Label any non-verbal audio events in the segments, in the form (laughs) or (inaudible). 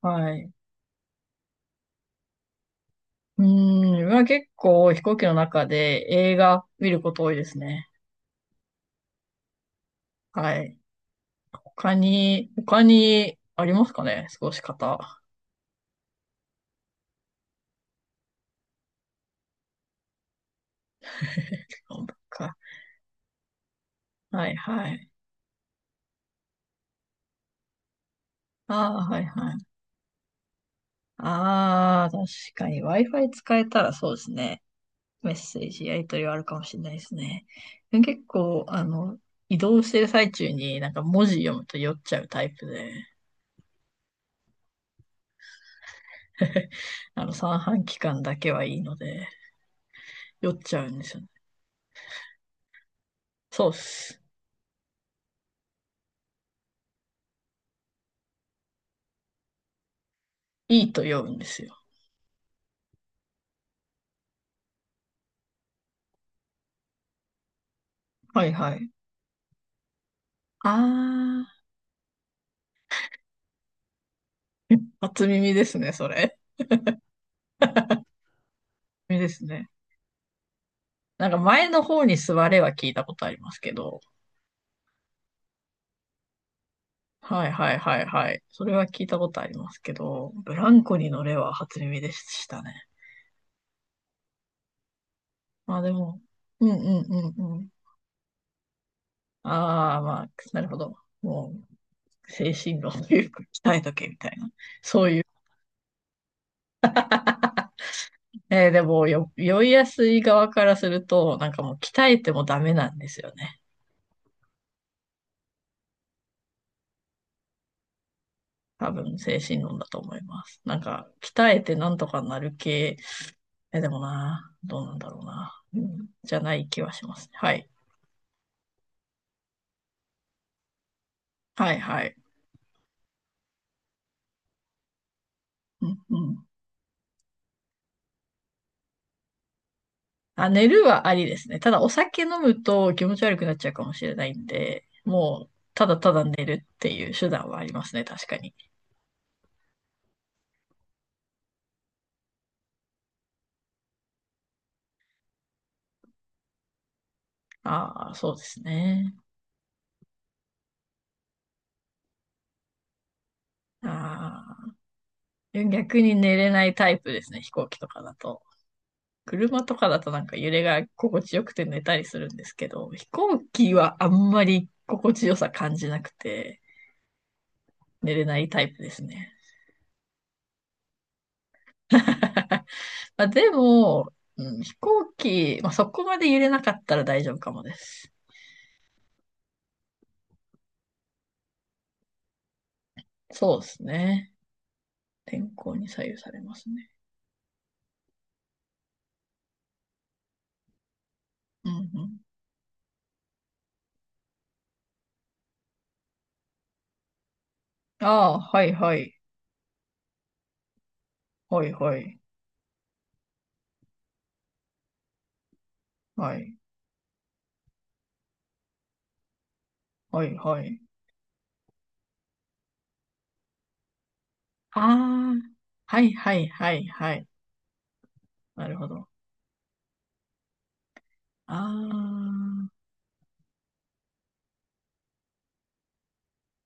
はい。まあ結構飛行機の中で映画見ること多いですね。はい。他にありますかね、過ごし方。かはいはい。ああ、はいはい。ああ、確かに Wi-Fi 使えたらそうですね。メッセージやり取りはあるかもしれないですね。でも結構、移動してる最中になんか文字読むと酔っちゃうタイプで、(laughs) 三半規管だけはいいので、酔っちゃうんですよね。そうっす。いいと読むんですよ。はいはい。ああ、(laughs) 初耳ですね、それ。耳ですね。なんか前の方に座れは聞いたことありますけど。はいはいはいはい。それは聞いたことありますけど、ブランコに乗れは初耳でしたね。まあでも、うんうんうんうん。ああ、まあ、なるほど。もう、精神論というか、鍛えとけみたいな。そう、でもよ、酔いやすい側からすると、なんかもう鍛えてもダメなんですよね。多分精神論だと思います。なんか、鍛えてなんとかなる系、え、でもな、どうなんだろうな。うん、じゃない気はしますね。はい。はいはい。うん、うん。あ、寝るはありですね。ただお酒飲むと気持ち悪くなっちゃうかもしれないんで、もう、ただただ寝るっていう手段はありますね。確かに。ああ、そうですね。ああ、逆に寝れないタイプですね、飛行機とかだと。車とかだとなんか揺れが心地よくて寝たりするんですけど、飛行機はあんまり心地よさ感じなくて寝れないタイプですね。(laughs) まあ、でも、うん、飛行機、まあ、そこまで揺れなかったら大丈夫かもです。そうですね。天候に左右されますね。うんうん。ああ、はいはい。はいはい。はい。はいはい。ああ、はいはいはいはい。なるほど。ああ、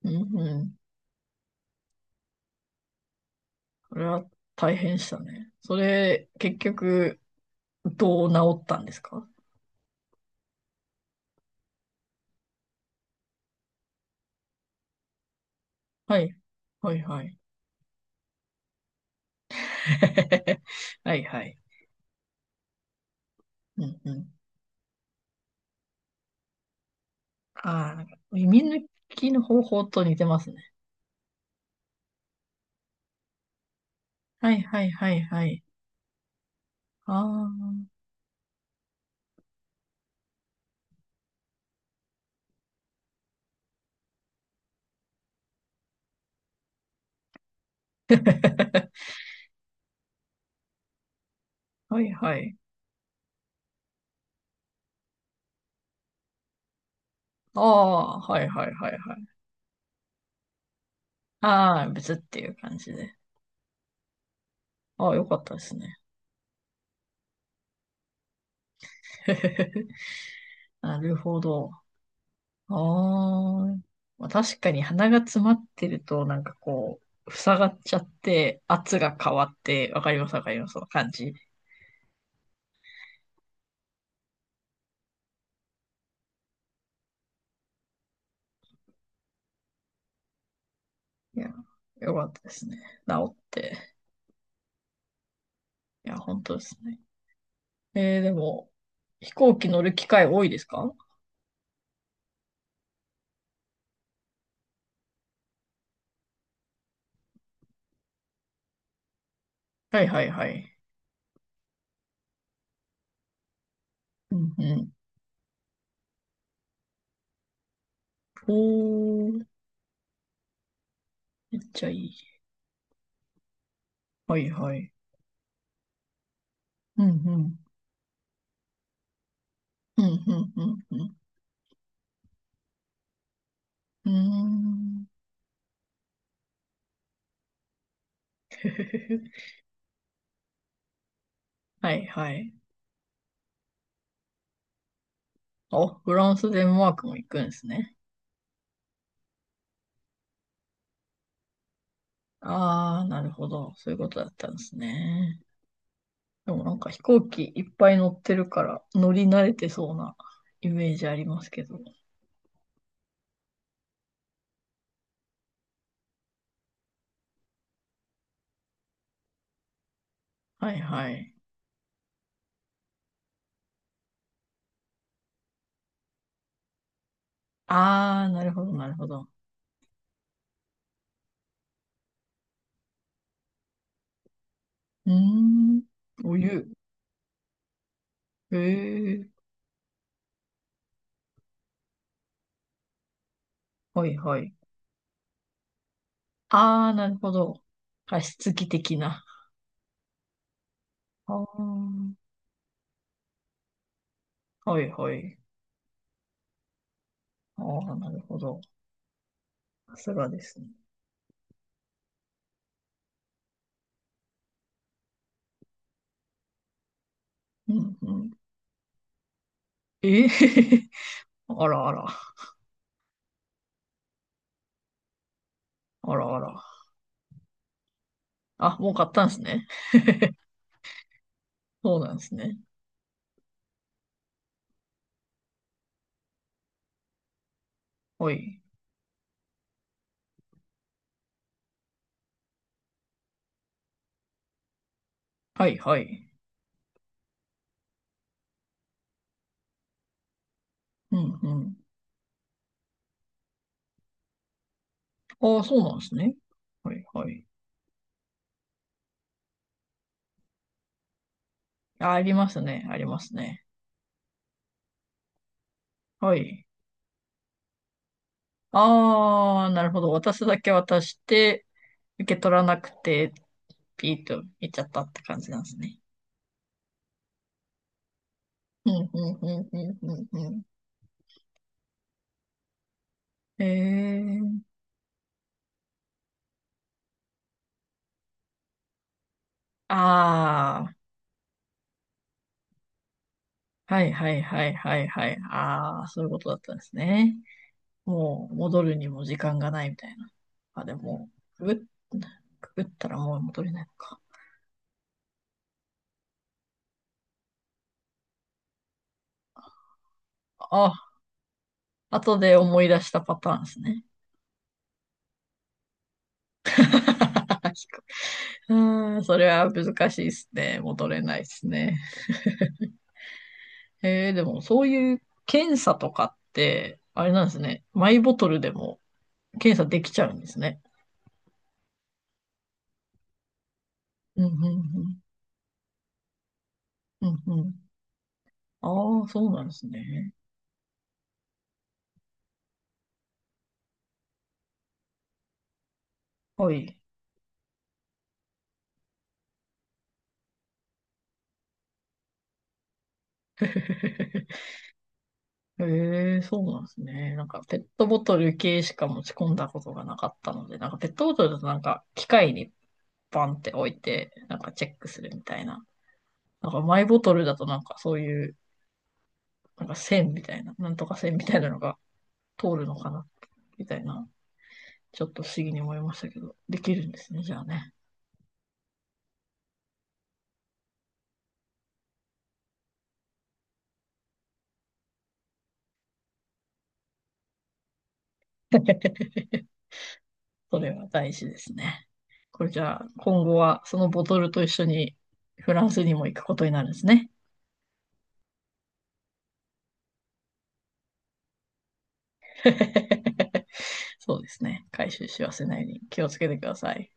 うんうん。それは大変でしたね。それ、結局、どう治ったんですか？はい。はいはい。(laughs) はいはい。うんうん。ああ、耳抜きの方法と似てますね。はいはいはいはい。ああ、(laughs) はいはい。ああ、はいはいはいはい。ああ、別っていう感じで。ああ、よかったですね。(laughs) なるほど。ああ、まあ、確かに鼻が詰まってると、なんかこう、塞がっちゃって、圧が変わって、わかりますわかります、その感じ。いや、よかったですね、治って。いや、本当ですね。えー、でも、飛行機乗る機会多いですか？はいはいはい。うんうん。おー、めっちゃいい。はいはい。うんうん。うんうんうんうん。うーん。(laughs) はいはい。あ、フランス、デンマークも行くんですね。ああ、なるほど。そういうことだったんですね。でもなんか飛行機いっぱい乗ってるから乗り慣れてそうなイメージありますけど。はいはい。ああ、なるほど、なるほど。うーん。お湯。へえ。はいはい。ああ、なるほど。加湿器的な。ああ、はいはい。ああ、なるほど。さすがですね。うんうん。ええ、 (laughs) あらあら。あらあら。あ、もう買ったんですね。そうなんですね。はい。はいはい。うんうん。ああ、そうなんですね。はいはい。あ、ありますね、ありますね。はい。ああ、なるほど。渡すだけ渡して、受け取らなくて、ピーと行っちゃったって感じなんですね。うんうんうんうんうんうん。ええー。ああ、はいはいはいはいはい。ああ、そういうことだったんですね。もう戻るにも時間がないみたいな。あ、でも、くぐっ、くぐったらもう戻れないのか。あ、後で思い出したパターンですね。(laughs) うん、それは難しいですね。戻れないですね。えー、でもそういう検査とかって、あれなんですね。マイボトルでも検査できちゃうんですね。うん、うん、うん。うん、うん。ああ、そうなんですね。はい。(laughs) ええ、そうなんですね。なんかペットボトル系しか持ち込んだことがなかったので、なんかペットボトルだとなんか機械にバンって置いて、なんかチェックするみたいな。なんかマイボトルだとなんかそういう、なんか線みたいな、なんとか線みたいなのが通るのかな、みたいな。ちょっと不思議に思いましたけど、できるんですね、じゃあね。(laughs) それは大事ですね。これじゃあ、今後はそのボトルと一緒にフランスにも行くことになるんですね。(laughs) そうですね。回収し忘れないように気をつけてください。